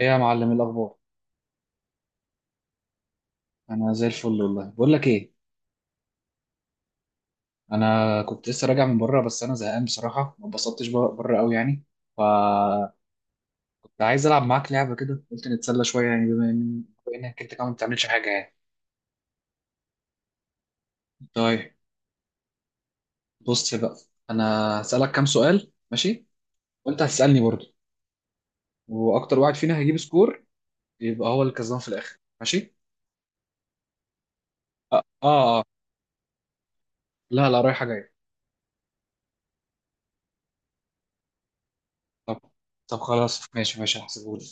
ايه يا معلم، إيه الاخبار؟ انا زي الفل والله. بقول لك ايه، انا كنت لسه راجع من بره، بس انا زهقان بصراحه، ما اتبسطتش بره بره قوي يعني. فكنت عايز العب معاك لعبه كده، قلت نتسلى شويه يعني، بما انك انت كمان ما بتعملش حاجه يعني. طيب، بص بقى، انا هسالك كام سؤال ماشي؟ وانت هتسالني برضه، واكتر واحد فينا هيجيب سكور يبقى هو اللي كسبان في الاخر، ماشي. اه اه آه. لا لا، رايحه جايه. طب طب خلاص، ماشي ماشي هحسبهولك.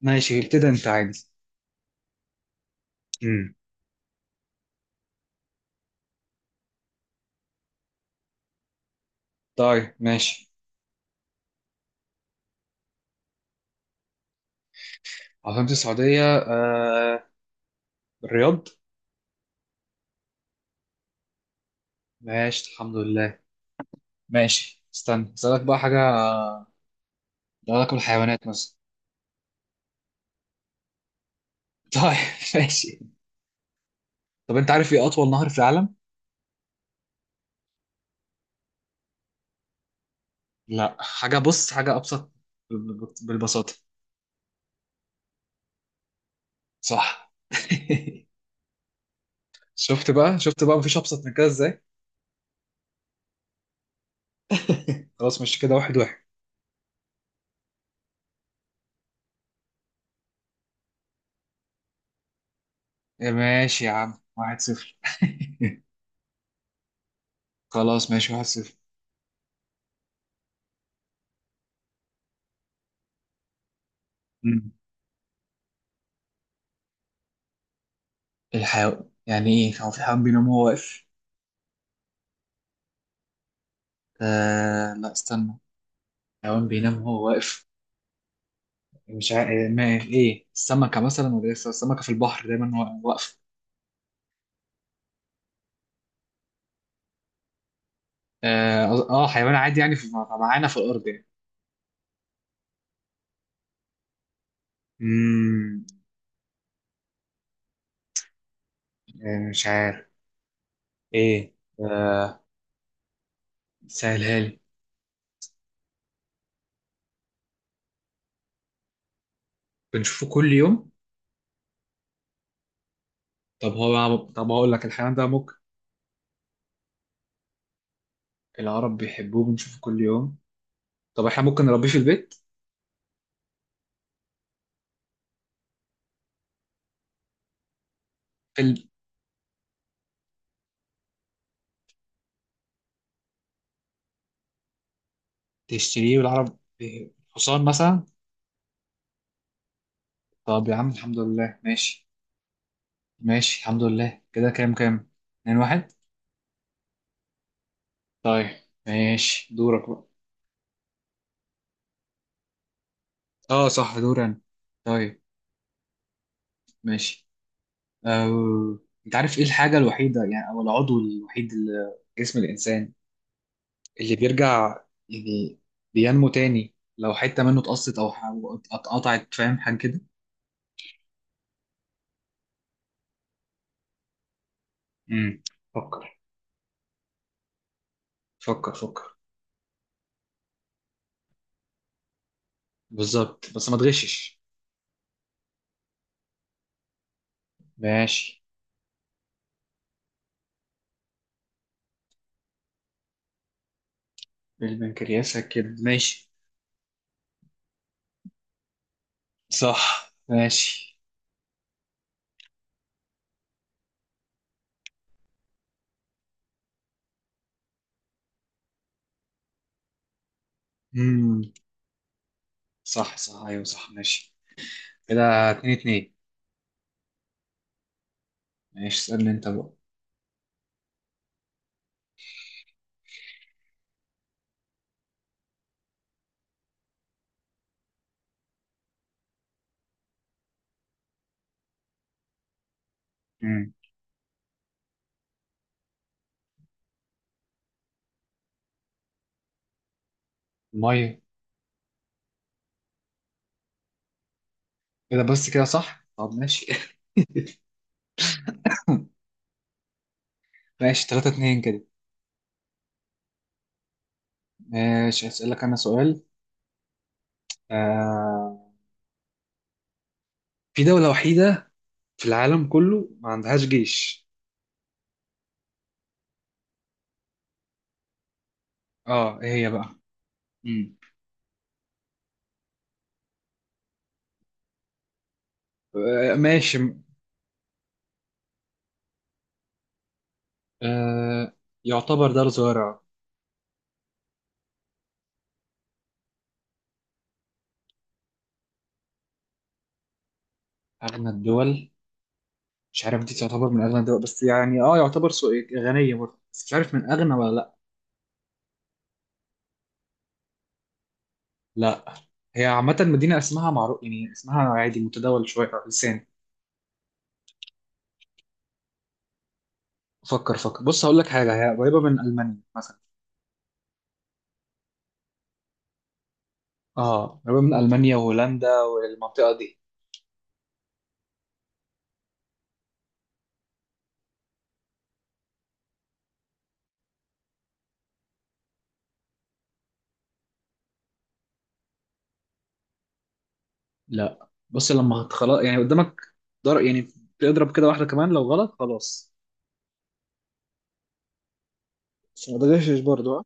ماشي، ابتدي انت عادي. امم. طيب ماشي. عاصمة السعودية الرياض. ماشي الحمد لله. ماشي، استنى اسألك بقى حاجة. لو أكل حيوانات مثلا. طيب ماشي. طب أنت عارف إيه أطول نهر في العالم؟ لا، حاجة، بص حاجة أبسط. بالبساطة. صح. شفت بقى شفت بقى مفيش أبسط من كده إزاي؟ خلاص، مش كده؟ واحد واحد. إيه، ماشي يا عم، واحد صفر. خلاص ماشي، واحد صفر. مم. الحيوان يعني ايه؟ هو في حيوان بينام وهو واقف؟ آه، لا استنى، حيوان بينام وهو واقف. مش عا... ما ايه، السمكه مثلا، ولا ايه، السمكه في البحر دايما واقفه. اه. آه، حيوان عادي يعني، معانا في الارض يعني. امم، يعني مش عارف ايه. آه... سهلها لي. بنشوفه كل يوم. طب هو، طب هقول لك الحيوان ده ممكن. العرب بيحبوه، بنشوفه كل يوم. طب احنا ممكن نربيه في البيت؟ في ال... تشتريه، والعرب إيه، حصان مثلا. طب يا عم الحمد لله ماشي. ماشي الحمد لله. كده كام كام، اتنين واحد. طيب ماشي، دورك بقى. اه صح، دور انا. طيب ماشي. أه... انت عارف ايه الحاجة الوحيدة، يعني او العضو الوحيد اللي في جسم الانسان اللي بيرجع، يعني بينمو تاني لو حتة منه اتقصت او أو اتقطعت، فاهم حاجة كده؟ امم. فكر فكر فكر. بالظبط، بس ما تغشش. ماشي. البنكرياس كده؟ ماشي. صح ماشي. امم. صح صح، ايوه صح ماشي. كده اتنين اتنين. ماشي، اسألني انت بقى. امم. المية. كده بس؟ كده صح، طب ماشي. ماشي 3-2 كده. ماشي، هسألك انا سؤال. آه، في دولة وحيدة في العالم كله ما عندهاش جيش. اه ايه هي بقى؟ مم. آه ماشي. آه، يعتبر دولة صغيرة. اغنى الدول؟ مش عارف دي تعتبر من اغنى الدول، بس يعني اه يعتبر غنية برضه، بس مش عارف من اغنى ولا لا. لا. هي عامة مدينة اسمها معروف، يعني اسمها عادي متداول شوية على اللسان. فكر فكر، بص هقول لك حاجة، هي قريبة من ألمانيا مثلا. اه قريبة من المانيا وهولندا والمنطقه دي. لا بص، لما خلاص يعني قدامك ضرب يعني، تضرب كده واحده كمان لو غلط خلاص. بس ما تغشش برضه ها.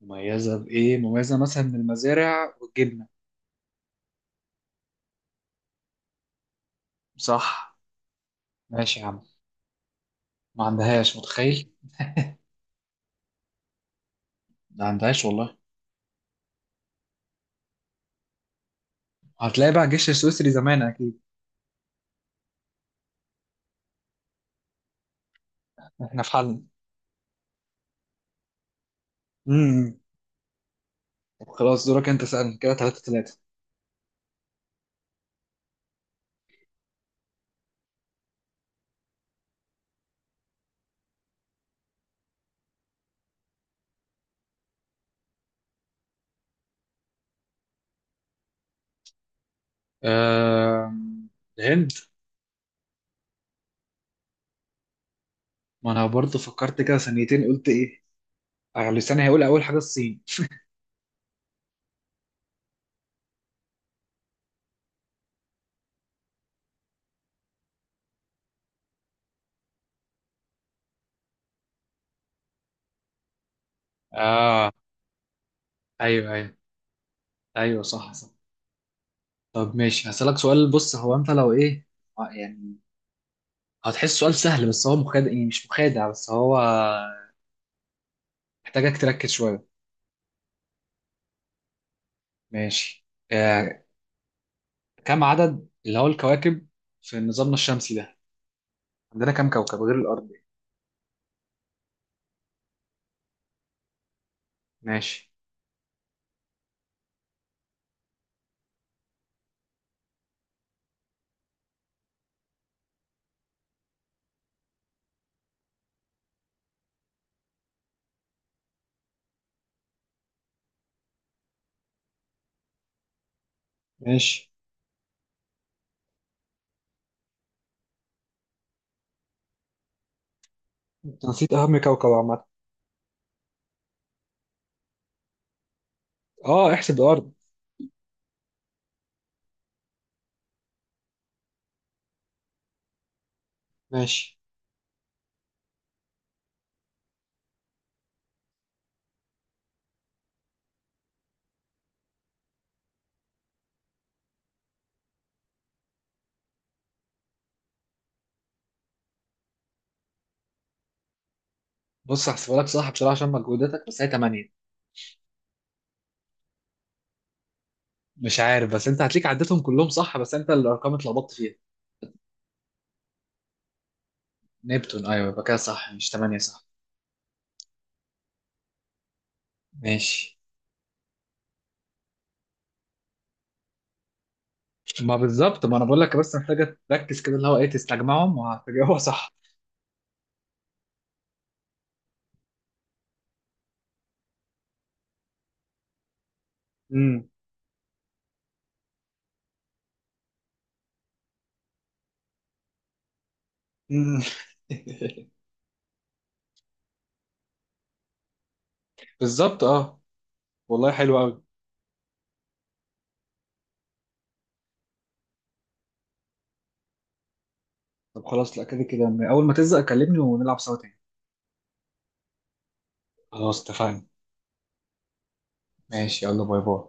مميزه بايه؟ مميزه مثلا من المزارع والجبنه. صح. ماشي يا عم، ما عندهاش متخيل. ما عندهاش والله. هتلاقي بقى الجيش السويسري زمان اكيد. احنا في حالنا. امم. طب خلاص، دورك انت، سألني كده ثلاثة ثلاثة. أه... الهند. ما انا برضه فكرت كده ثانيتين، قلت ايه، آه، لساني هيقول اول حاجه الصين. اه ايوه ايوه، ايوه صح صح. طب ماشي، هسألك سؤال، بص هو انت لو ايه، آه، يعني هتحس سؤال سهل، بس هو مخادع، يعني مش مخادع، بس هو محتاجك تركز شويه. ماشي. آه، كم عدد اللي هو الكواكب في نظامنا الشمسي ده؟ عندنا كم كوكب غير الارض؟ ماشي ماشي. انت نسيت اهم كوكب عامه. اه، احسب الارض. ماشي، بص هحسبها لك صح بصراحه عشان مجهوداتك، بس هي 8. مش عارف، بس انت هتليك عدتهم كلهم صح، بس انت الارقام اتلخبطت فيها. نبتون، ايوه يبقى كده صح، مش 8 صح. ماشي. ما بالظبط، ما انا بقول لك بس محتاجه تركز كده، اللي هو ايه، تستجمعهم وهتجاوبها صح. امم امم. بالظبط اه. والله حلو قوي. طب خلاص، لا كده كده. اول ما تزهق كلمني ونلعب سوا تاني. خلاص اتفقنا. ماشي، يلا باي باي.